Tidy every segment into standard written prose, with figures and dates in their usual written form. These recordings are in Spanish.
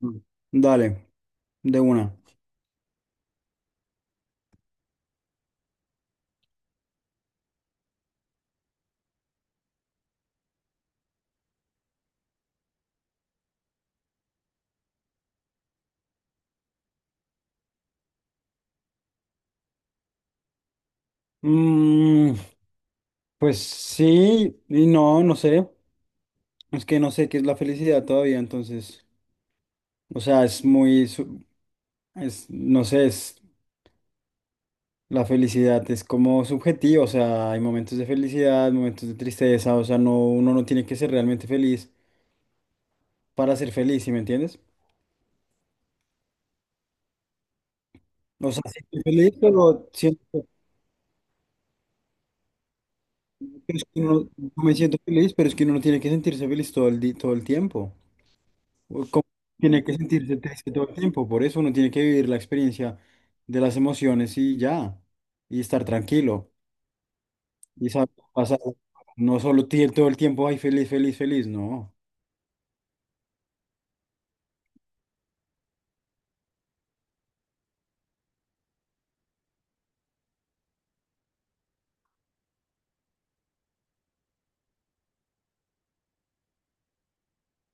Mm. Dale, de una. Mm, pues sí, y no, sé. Es que no sé qué es la felicidad todavía, entonces. O sea, es muy, es, no sé, es, la felicidad es como subjetiva. O sea, hay momentos de felicidad, momentos de tristeza. O sea, no, uno no tiene que ser realmente feliz para ser feliz, ¿sí me entiendes? O sea, sí estoy feliz, pero siento, es que no me siento feliz, pero es que uno no tiene que sentirse feliz todo todo el tiempo. O cómo tiene que sentirse triste todo el tiempo. Por eso uno tiene que vivir la experiencia de las emociones y ya, y estar tranquilo. Y saber pasar, no solo todo el tiempo, ay, feliz, feliz, feliz, no.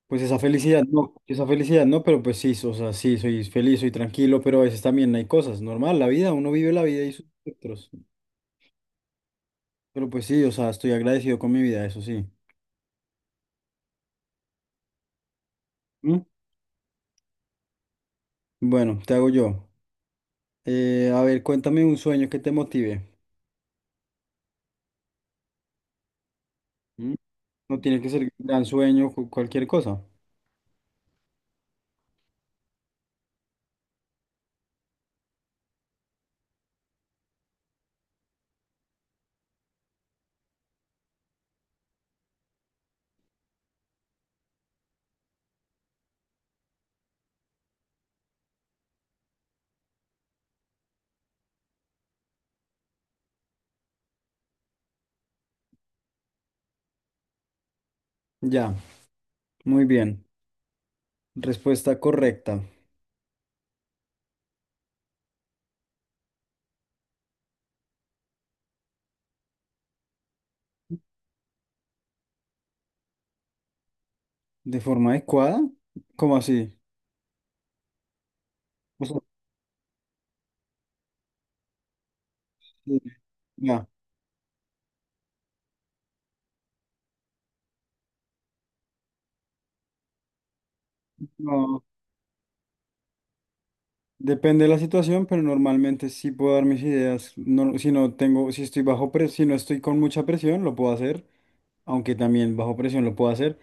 Pues esa felicidad no, pero pues sí, o sea, sí, soy feliz, soy tranquilo, pero a veces también hay cosas, normal, la vida, uno vive la vida y sus espectros. Pero pues sí, o sea, estoy agradecido con mi vida, eso sí. ¿Mm? Bueno, te hago yo. A ver, cuéntame un sueño que te motive. No tiene que ser un gran sueño, cualquier cosa. Ya, muy bien. Respuesta correcta. ¿De forma adecuada? ¿Cómo así? O sea, sí, ya. No, depende de la situación, pero normalmente sí puedo dar mis ideas. No, si no tengo, si estoy bajo presión, si no estoy con mucha presión, lo puedo hacer. Aunque también bajo presión lo puedo hacer.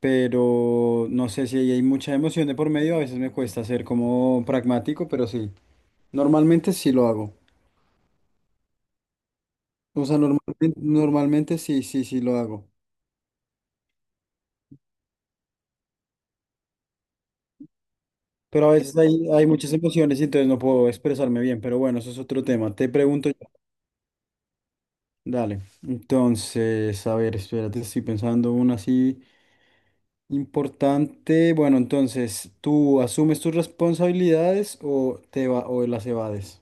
Pero no sé si ahí hay mucha emoción de por medio. A veces me cuesta ser como pragmático, pero sí. Normalmente sí lo hago. O sea, normalmente, normalmente sí, sí, sí lo hago. Pero a veces hay muchas emociones y entonces no puedo expresarme bien, pero bueno, eso es otro tema. Te pregunto yo. Dale. Entonces, a ver, espérate, estoy pensando una así importante. Bueno, entonces, ¿tú asumes tus responsabilidades o te va o las evades?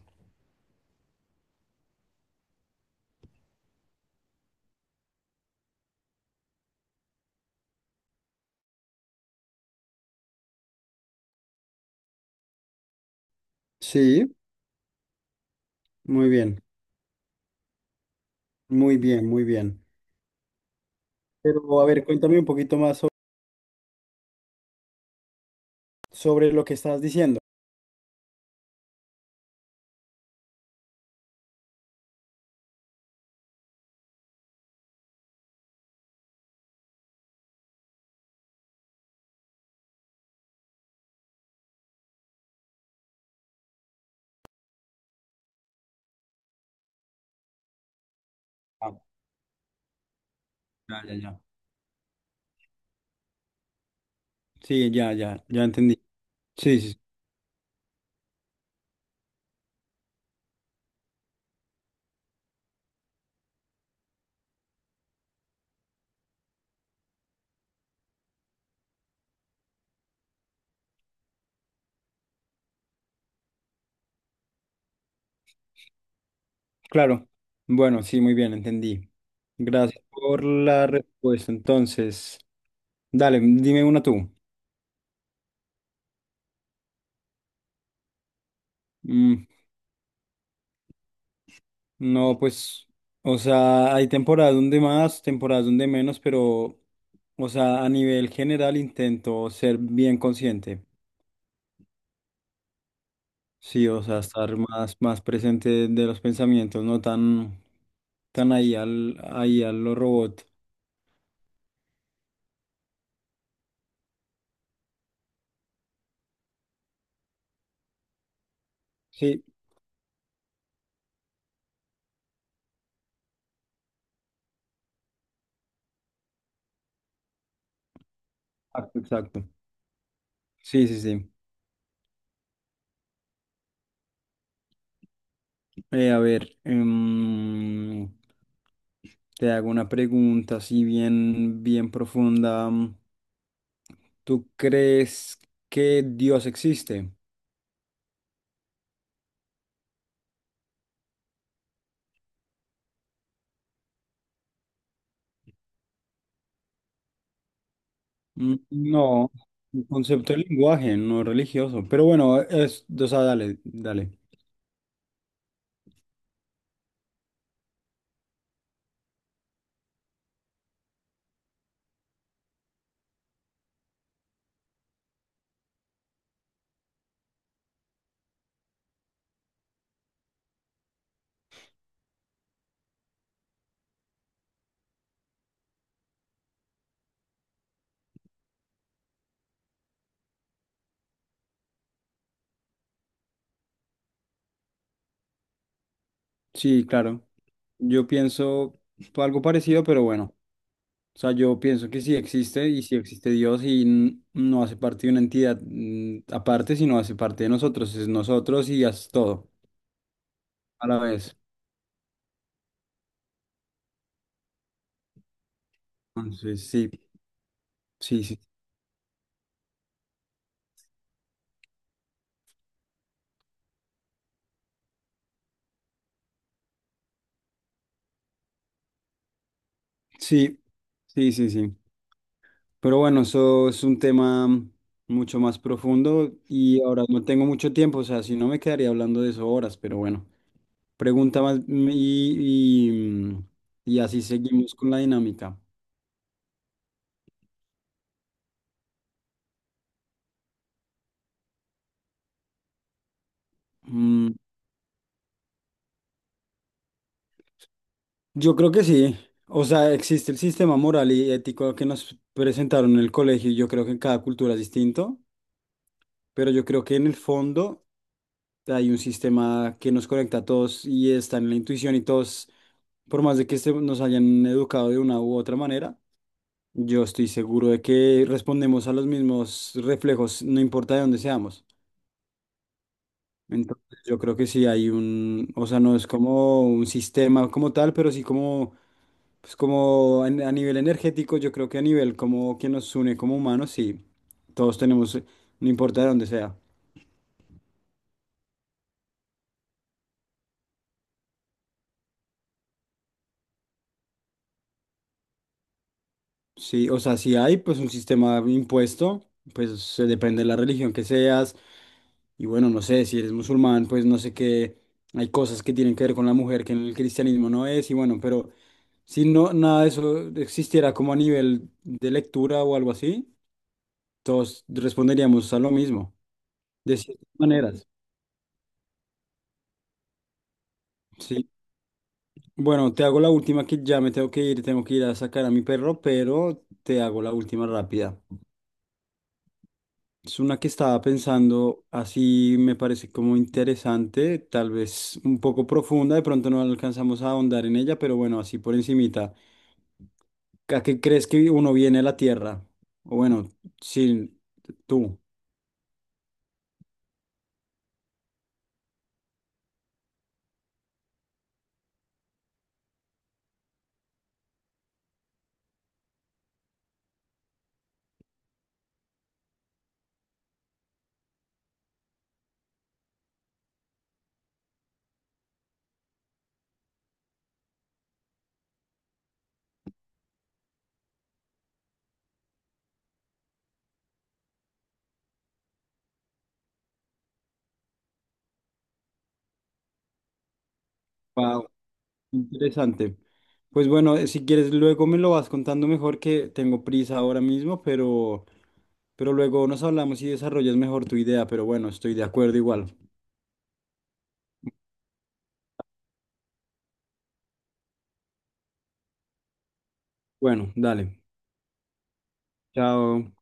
Sí, muy bien, muy bien, muy bien. Pero a ver, cuéntame un poquito más sobre lo que estás diciendo. Ah, ya, ya, ya. Sí, ya, ya, ya entendí. Sí, sí. Claro. Bueno, sí, muy bien, entendí. Gracias por la respuesta. Entonces, dale, dime una tú. Mm, no, pues, o sea, hay temporadas donde más, temporadas donde menos, pero, o sea, a nivel general intento ser bien consciente. Sí, o sea, estar más, más presente de los pensamientos, no tan, tan ahí al, ahí a lo robot. Sí, exacto, exacto. Sí, sí, sí. A ver, te hago una pregunta así bien, bien profunda. ¿Tú crees que Dios existe? Mm, no, un concepto de lenguaje, no religioso. Pero bueno, es, o sea, dale, dale. Sí, claro. Yo pienso algo parecido, pero bueno. O sea, yo pienso que sí existe y sí existe Dios y no hace parte de una entidad aparte, sino hace parte de nosotros. Es nosotros y es todo a la vez. Entonces, sí, sí, sí, sí, sí, sí, sí. Pero bueno, eso es un tema mucho más profundo y ahora no tengo mucho tiempo, o sea, si no me quedaría hablando de eso horas, pero bueno, pregunta más y, y así seguimos con la dinámica. Mm, yo creo que sí, o sea, existe el sistema moral y ético que nos presentaron en el colegio y yo creo que en cada cultura es distinto. Pero yo creo que en el fondo hay un sistema que nos conecta a todos y está en la intuición y todos, por más de que nos hayan educado de una u otra manera, yo estoy seguro de que respondemos a los mismos reflejos, no importa de dónde seamos. Entonces yo creo que sí hay un, o sea, no es como un sistema como tal, pero sí como, pues como a nivel energético, yo creo que a nivel como que nos une como humanos, sí, todos tenemos, no importa de dónde sea. Sí, o sea, si hay pues un sistema impuesto, pues se depende de la religión que seas. Y bueno, no sé, si eres musulmán, pues no sé qué, hay cosas que tienen que ver con la mujer que en el cristianismo no es. Y bueno, pero si no, nada de eso existiera como a nivel de lectura o algo así, todos responderíamos a lo mismo, de ciertas maneras. Sí. Bueno, te hago la última que ya me tengo que ir a sacar a mi perro, pero te hago la última rápida. Es una que estaba pensando, así me parece como interesante, tal vez un poco profunda, de pronto no alcanzamos a ahondar en ella, pero bueno, así por encimita. ¿A qué crees que uno viene a la Tierra? O bueno, sí, tú. Wow, interesante. Pues bueno, si quieres luego me lo vas contando mejor que tengo prisa ahora mismo, pero luego nos hablamos y desarrollas mejor tu idea, pero bueno, estoy de acuerdo igual. Bueno, dale. Chao.